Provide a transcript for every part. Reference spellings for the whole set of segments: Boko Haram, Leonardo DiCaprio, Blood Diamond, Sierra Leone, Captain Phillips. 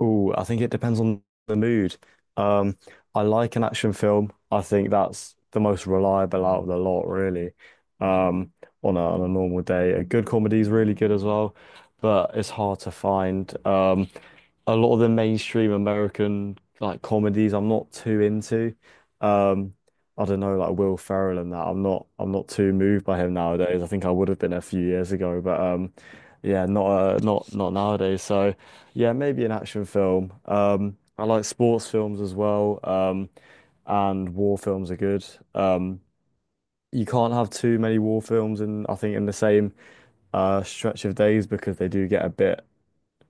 Oh, I think it depends on the mood. Um, I like an action film. I think that's the most reliable out of the lot, really. Um, on a normal day, a good comedy is really good as well, but it's hard to find. A lot of the mainstream American like comedies I'm not too into. Um, I don't know, like Will Ferrell and that. I'm not too moved by him nowadays. I think I would have been a few years ago, but yeah, not not nowadays. So yeah, maybe an action film. I like sports films as well. And war films are good. Um you can't have too many war films in I think in the same stretch of days because they do get a bit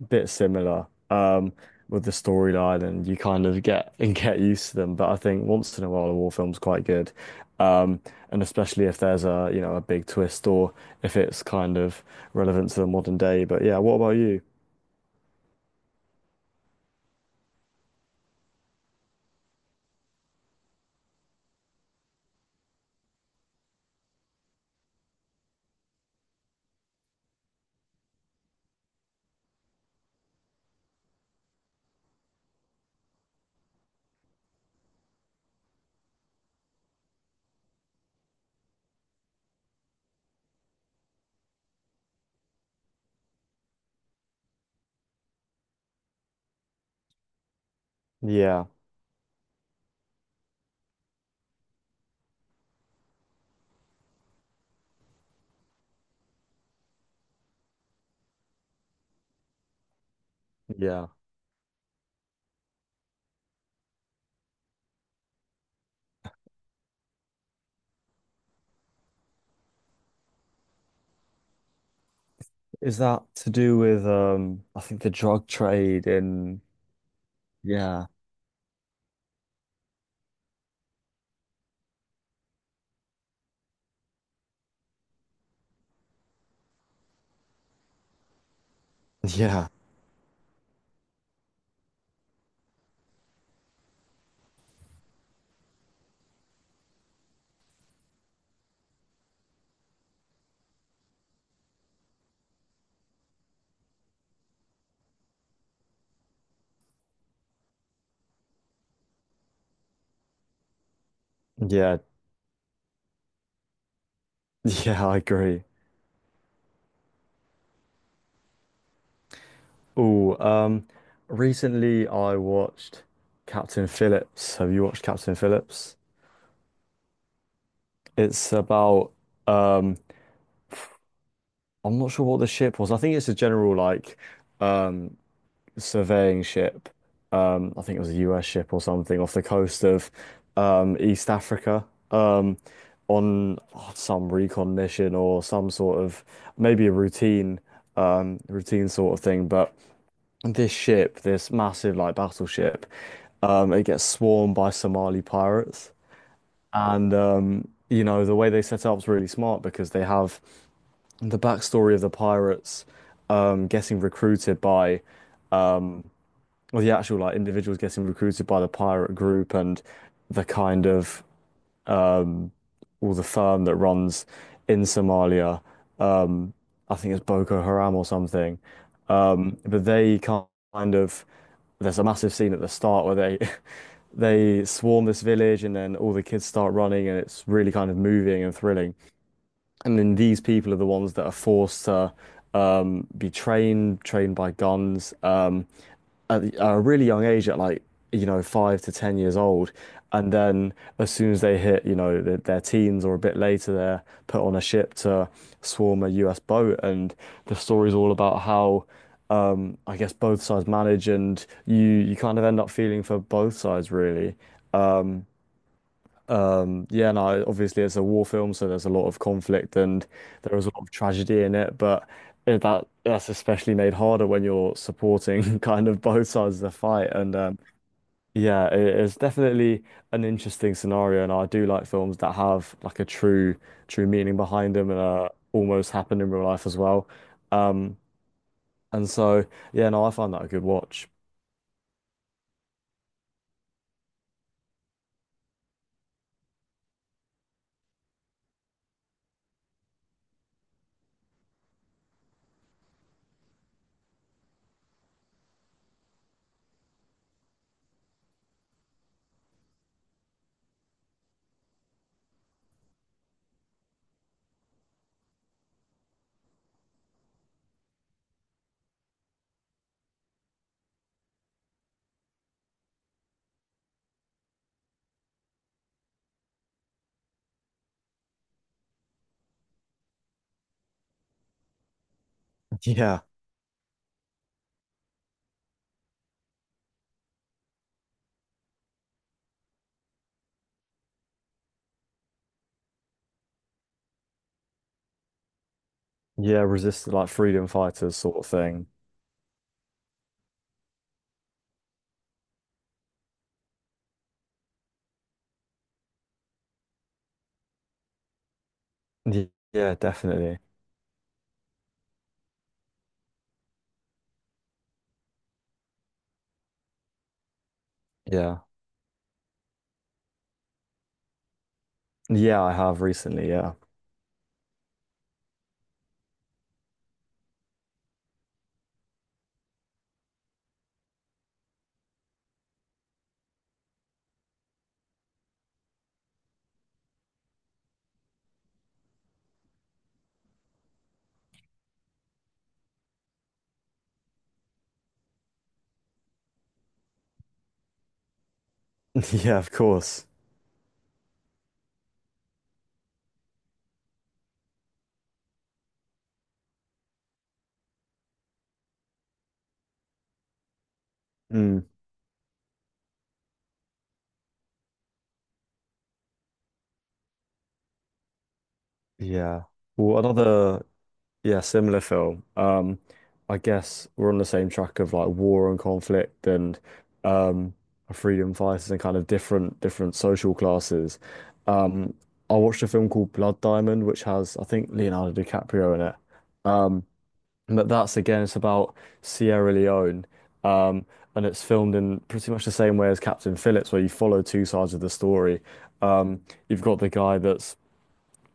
bit similar with the storyline, and you kind of get and get used to them. But I think once in a while, a war film's quite good, um, and especially if there's a you know a big twist or if it's kind of relevant to the modern day. But yeah, what about you? Yeah, yeah. Is that to do with I think the drug trade in. Yeah, yeah, yeah, yeah. I agree. Oh, recently I watched Captain Phillips. Have you watched Captain Phillips? It's about. um I'm not sure what the ship was. I think it's a general like um surveying ship. I think it was a US ship or something off the coast of East Africa. Um on some recon mission or some sort of maybe a routine sort of thing. But this ship, this massive like battleship, it gets swarmed by Somali pirates. And the way they set it up is really smart because they have the backstory of the pirates getting recruited by or the actual like individuals getting recruited by the pirate group and the kind of um or the firm that runs in Somalia, um I think it's Boko Haram or something. But they kind of there's a massive scene at the start where they they swarm this village and then all the kids start running and it's really kind of moving and thrilling. And then these people are the ones that are forced to be trained by guns at, at a really young age, at like, 5 to 10 years old. And then as soon as they hit, their teens or a bit later, they're put on a ship to swarm a US boat. And the story's all about how, I guess, both sides manage and you kind of end up feeling for both sides, really. Yeah, no, obviously it's a war film, so there's a lot of conflict and there is a lot of tragedy in it, but that's especially made harder when you're supporting kind of both sides of the fight. And yeah, it's definitely an interesting scenario, and I do like films that have like a true meaning behind them and almost happen in real life as well. Um, and so yeah, no, I find that a good watch. Yeah, yeah, resist like freedom fighters sort of thing. Yeah, definitely. Yeah. Yeah, I have recently. Yeah. Yeah, of course. Mm, yeah. Well, another, yeah, similar film. I guess we're on the same track of like war and conflict and um freedom fighters and kind of different social classes. Um, I watched a film called Blood Diamond, which has I think Leonardo DiCaprio in it. But that's again, it's about Sierra Leone. Um, and it's filmed in pretty much the same way as Captain Phillips, where you follow two sides of the story. Um, you've got the guy that's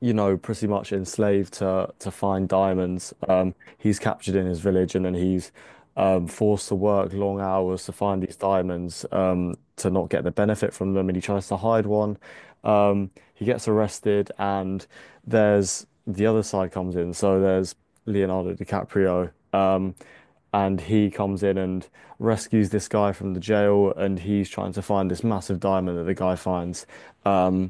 pretty much enslaved to find diamonds. He's captured in his village, and then he's forced to work long hours to find these diamonds to not get the benefit from them. And he tries to hide one. He gets arrested, and there's the other side comes in. So there's Leonardo DiCaprio. And he comes in and rescues this guy from the jail, and he's trying to find this massive diamond that the guy finds. Um,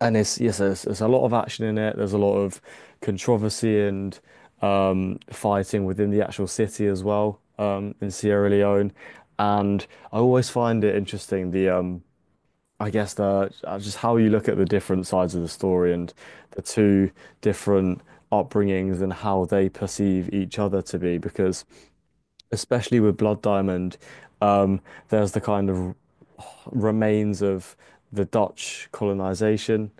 and it's yes, there's a lot of action in it. There's a lot of controversy and fighting within the actual city as well in Sierra Leone. And I always find it interesting the I guess the just how you look at the different sides of the story and the two different upbringings and how they perceive each other to be. Because especially with Blood Diamond, um, there's the kind of remains of the Dutch colonization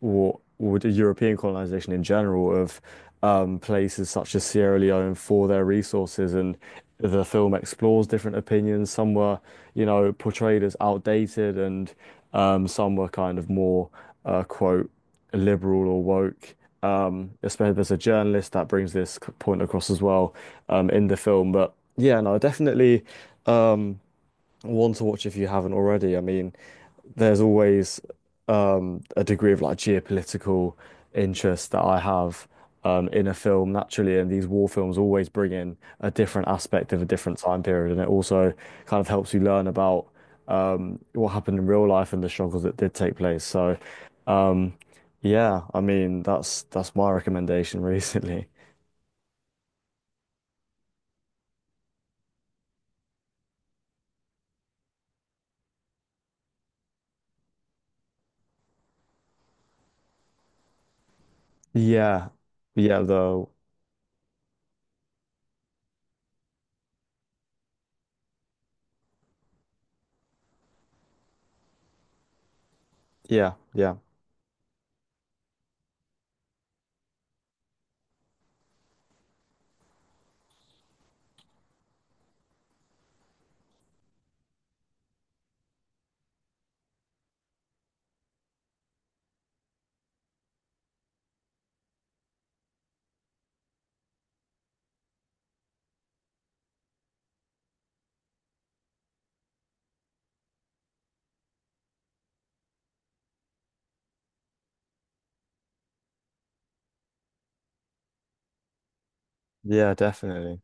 or the European colonization in general of places such as Sierra Leone for their resources. And the film explores different opinions. Some were, portrayed as outdated, and some were kind of more, quote, liberal or woke. Especially there's a journalist that brings this point across as well in the film. But yeah, no, definitely. Um, one to watch if you haven't already. I mean, there's always a degree of like geopolitical interest that I have in a film naturally, and these war films always bring in a different aspect of a different time period, and it also kind of helps you learn about what happened in real life and the struggles that did take place. So, um, yeah, I mean, that's my recommendation recently. Yeah, yeah, though, yeah, yeah, yeah, definitely.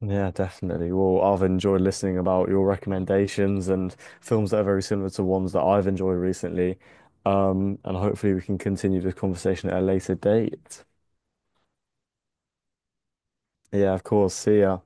Yeah, definitely. Well, I've enjoyed listening about your recommendations and films that are very similar to ones that I've enjoyed recently. And hopefully we can continue this conversation at a later date. Yeah, of course. See ya.